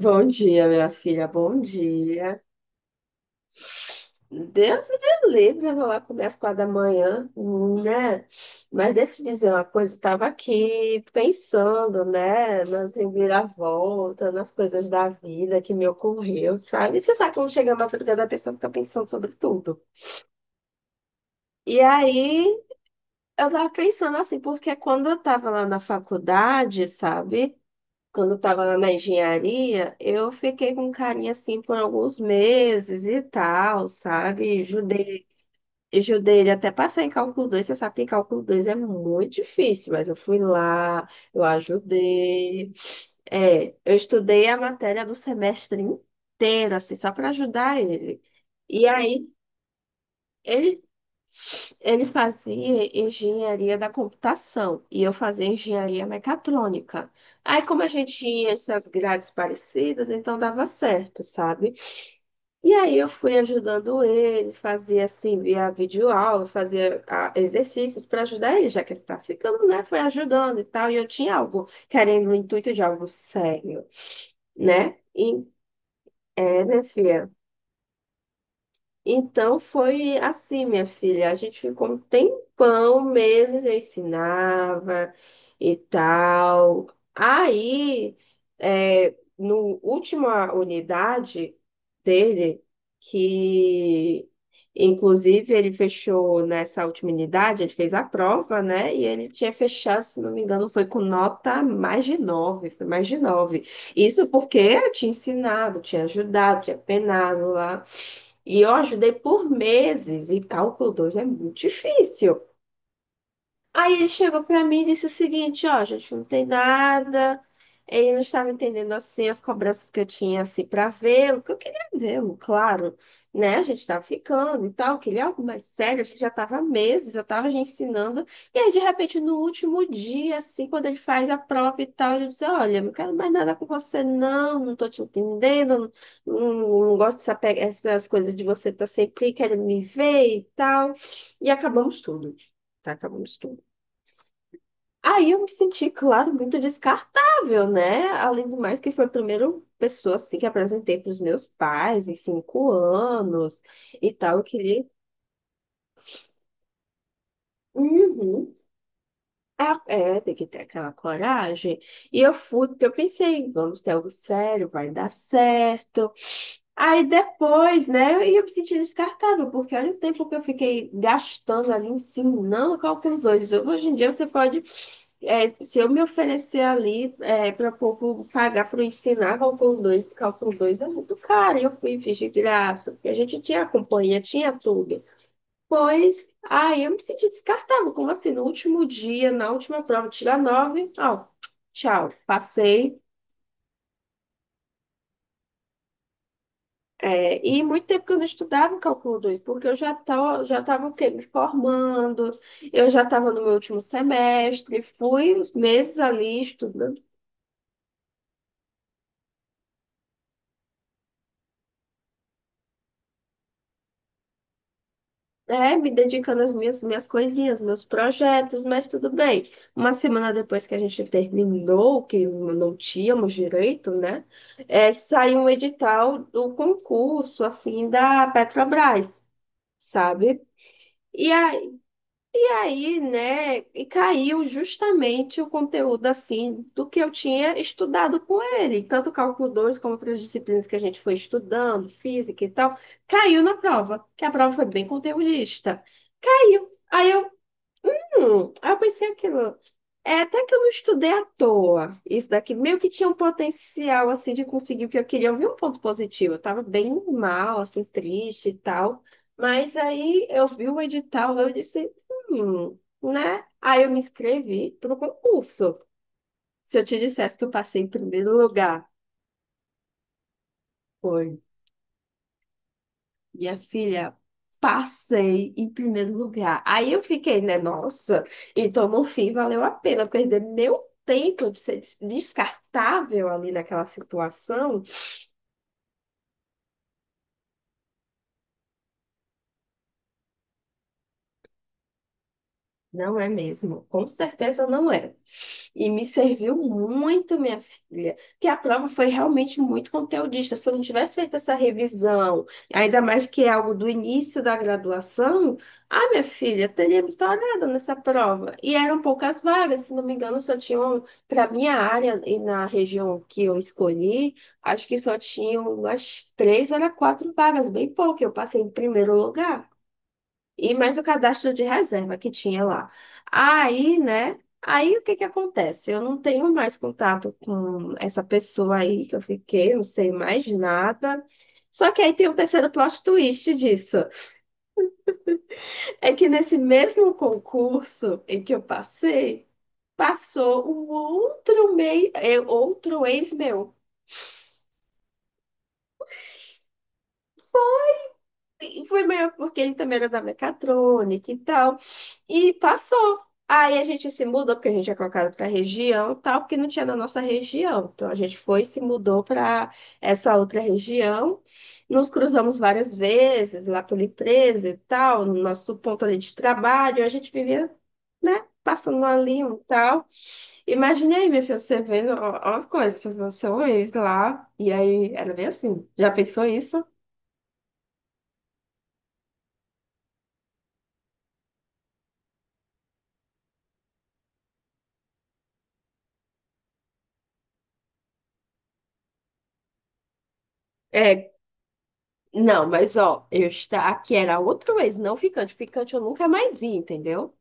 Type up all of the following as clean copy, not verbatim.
Bom dia, minha filha, bom dia. Deus me dê livre, eu vou lá comer às 4 da manhã, né? Mas deixa eu te dizer uma coisa, eu estava aqui pensando, né, nas reviravoltas, nas coisas da vida que me ocorreu, sabe? E você sabe quando chega a madrugada, a pessoa fica pensando sobre tudo. E aí, eu tava pensando assim, porque quando eu estava lá na faculdade, sabe? Quando eu estava na engenharia, eu fiquei com carinha assim por alguns meses e tal, sabe? Judei ele até passar em cálculo 2. Você sabe que cálculo 2 é muito difícil, mas eu fui lá, eu ajudei. É, eu estudei a matéria do semestre inteiro, assim, só para ajudar ele. E aí. Ele ele fazia engenharia da computação e eu fazia engenharia mecatrônica. Aí, como a gente tinha essas grades parecidas, então dava certo, sabe? E aí eu fui ajudando ele, fazia assim, via videoaula, fazia exercícios para ajudar ele, já que ele tá ficando, né? Foi ajudando e tal. E eu tinha algo, querendo o intuito de algo sério, né? Minha filha. Então foi assim, minha filha. A gente ficou um tempão, meses eu ensinava e tal. Aí, é, no última unidade dele, que inclusive ele fechou nessa última unidade, ele fez a prova, né? E ele tinha fechado, se não me engano, foi com nota mais de nove, foi mais de nove. Isso porque eu tinha ensinado, tinha ajudado, tinha penado lá. E eu ajudei por meses, e cálculo 2 é muito difícil. Aí ele chegou pra mim e disse o seguinte, ó, gente, não tem nada. Ele não estava entendendo assim as cobranças que eu tinha assim para vê-lo, que eu queria vê-lo, claro, né? A gente estava ficando e tal, eu queria algo mais sério, a gente já estava há meses, eu estava já ensinando. E aí de repente no último dia assim, quando ele faz a prova e tal, ele diz: "Olha, eu não quero mais nada com você não, não tô te entendendo, não, não, não gosto essas coisas de você estar sempre querendo me ver e tal". E acabamos tudo. Tá, acabamos tudo. Aí eu me senti, claro, muito descartável, né? Além do mais que foi a primeira pessoa assim, que apresentei para os meus pais em 5 anos e tal. Eu queria. Uhum. Ah, é, tem que ter aquela coragem. E eu fui, porque eu pensei, vamos ter algo sério, vai dar certo. Aí depois, né. E eu me senti descartável, porque olha o tempo que eu fiquei gastando ali ensinando qual que é os dois. Hoje em dia você pode, se eu me oferecer ali para pouco pagar para ensinar cálculo 2, porque cálculo 2 é muito caro, e eu fui e fiz de graça, porque a gente tinha a companhia, tinha tudo. Pois, aí eu me senti descartável, como assim, no último dia, na última prova, tirar nove, ó, tchau, passei. É, e muito tempo que eu não estudava o cálculo 2 porque eu já tava, o quê? Me formando, eu já estava no meu último semestre, fui os meses ali estudando, me dedicando às minhas coisinhas, meus projetos, mas tudo bem. Uma semana depois que a gente terminou, que não tínhamos direito, né? É, saiu um edital do concurso, assim, da Petrobras, sabe? E aí, né, e caiu justamente o conteúdo assim do que eu tinha estudado com ele, tanto o cálculo 2 como outras disciplinas que a gente foi estudando, física e tal, caiu na prova, que a prova foi bem conteudista. Caiu. Aí eu pensei aquilo. É até que eu não estudei à toa. Isso daqui meio que tinha um potencial assim de conseguir, porque eu queria ouvir um ponto positivo. Eu tava bem mal, assim, triste e tal. Mas aí eu vi o edital, eu disse, né? Aí eu me inscrevi para o concurso. Se eu te dissesse que eu passei em primeiro lugar. Foi Minha filha, passei em primeiro lugar. Aí eu fiquei, né? Nossa, então no fim valeu a pena perder meu tempo de ser descartável ali naquela situação. Não é mesmo, com certeza não é. E me serviu muito, minha filha, que a prova foi realmente muito conteudista. Se eu não tivesse feito essa revisão, ainda mais que é algo do início da graduação, ah, minha filha, teria me tornado nessa prova. E eram poucas vagas, se não me engano, só tinham, para minha área e na região que eu escolhi, acho que só tinham umas três ou era quatro vagas, bem pouco. Eu passei em primeiro lugar. E mais o cadastro de reserva que tinha lá. Aí, né? Aí o que que acontece? Eu não tenho mais contato com essa pessoa aí que eu fiquei, não sei mais nada. Só que aí tem um terceiro plot twist disso. É que nesse mesmo concurso em que eu passei, passou um outro, outro ex meu. E foi melhor porque ele também era da mecatrônica e tal. E passou. Aí a gente se mudou, porque a gente é colocado para região e tal, porque não tinha na nossa região. Então a gente foi e se mudou para essa outra região. Nos cruzamos várias vezes lá pela empresa e tal, no nosso ponto ali de trabalho. A gente vivia, né, passando ali e tal. Imagine aí, minha filha, você vendo, ó, ó a coisa, você vê o seu ex lá. E aí era bem assim. Já pensou isso? É, não, mas ó, eu está aqui era outro ex, não ficante. Ficante eu nunca mais vi, entendeu?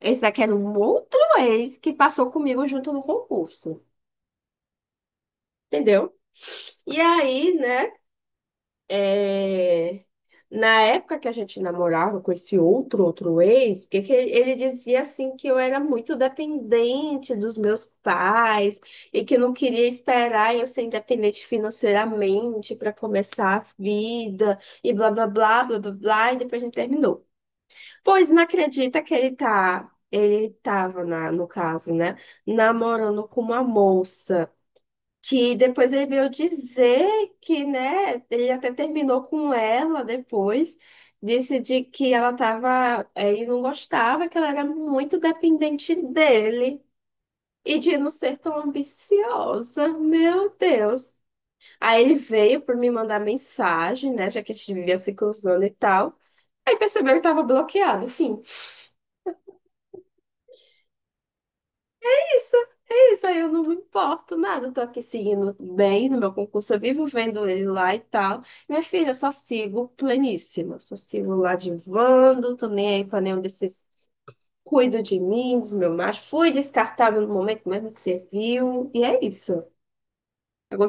Esse daqui era um outro ex que passou comigo junto no concurso, entendeu? E aí, né? É, na época que a gente namorava com esse outro ex, que ele dizia assim que eu era muito dependente dos meus pais e que não queria esperar eu ser independente financeiramente para começar a vida e blá blá blá blá blá blá, e depois a gente terminou. Pois não acredita que ele tava no caso, né, namorando com uma moça. Que depois ele veio dizer que, né, ele até terminou com ela depois, disse de que ele não gostava, que ela era muito dependente dele e de não ser tão ambiciosa, meu Deus. Aí ele veio por me mandar mensagem, né, já que a gente vivia se cruzando e tal. Aí percebeu que ele tava bloqueado, enfim. Isso, é isso, aí eu não me importo nada, eu tô aqui seguindo bem no meu concurso, eu vivo vendo ele lá e tal. Minha filha, eu só sigo pleníssima, só sigo lá divando, tô nem aí pra nenhum desses cuido de mim, dos meus machos, fui descartável no momento, mas me serviu, e é isso. Eu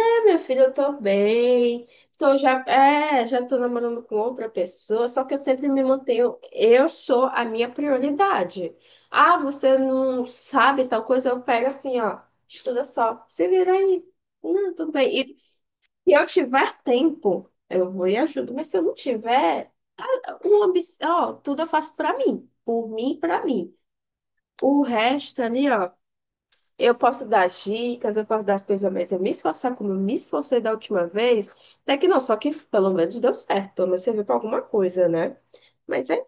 Ah, meu filho, eu tô bem. Já tô namorando com outra pessoa, só que eu sempre me mantenho. Eu sou a minha prioridade. Ah, você não sabe tal coisa? Eu pego assim, ó, estuda só, se vira aí. Não, tudo bem. E se eu tiver tempo, eu vou e ajudo. Mas se eu não tiver, ó, tudo eu faço pra mim, por mim, e pra mim. O resto ali, ó. Eu posso dar dicas, eu posso dar as coisas, mas eu me esforçar como eu me esforcei da última vez, até que não, só que pelo menos deu certo, pelo menos serviu para alguma coisa, né? Mas é,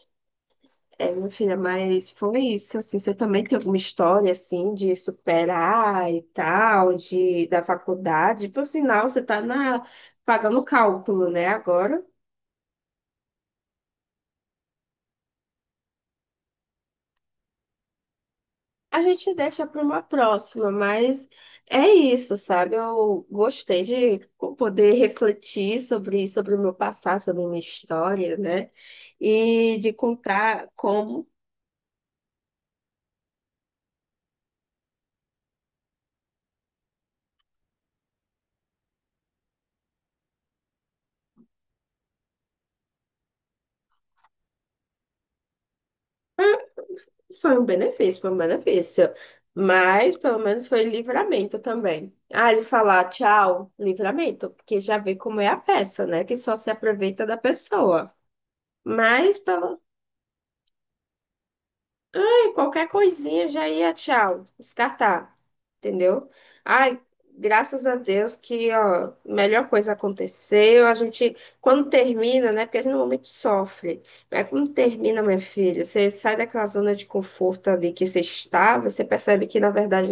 é, minha filha, mas foi isso, assim, você também tem alguma história, assim, de, superar e tal, da faculdade, por sinal, você tá pagando cálculo, né, agora? A gente deixa para uma próxima, mas é isso, sabe? Eu gostei de poder refletir sobre o meu passado, sobre a minha história, né? E de contar como foi um benefício, foi um benefício. Mas pelo menos foi livramento também. Ah, ele falar tchau, livramento, porque já vê como é a peça, né? Que só se aproveita da pessoa. Mas pelo Qualquer coisinha já ia, tchau, descartar, entendeu? Ai, graças a Deus que, ó, melhor coisa aconteceu. A gente, quando termina, né? Porque a gente normalmente sofre, mas quando termina, minha filha, você sai daquela zona de conforto ali que você estava, você percebe que, na verdade,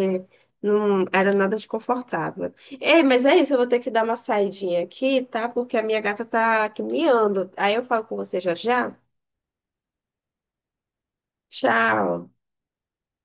não era nada de confortável. Ei, mas é isso, eu vou ter que dar uma saidinha aqui, tá? Porque a minha gata tá aqui miando. Aí eu falo com você já já. Tchau.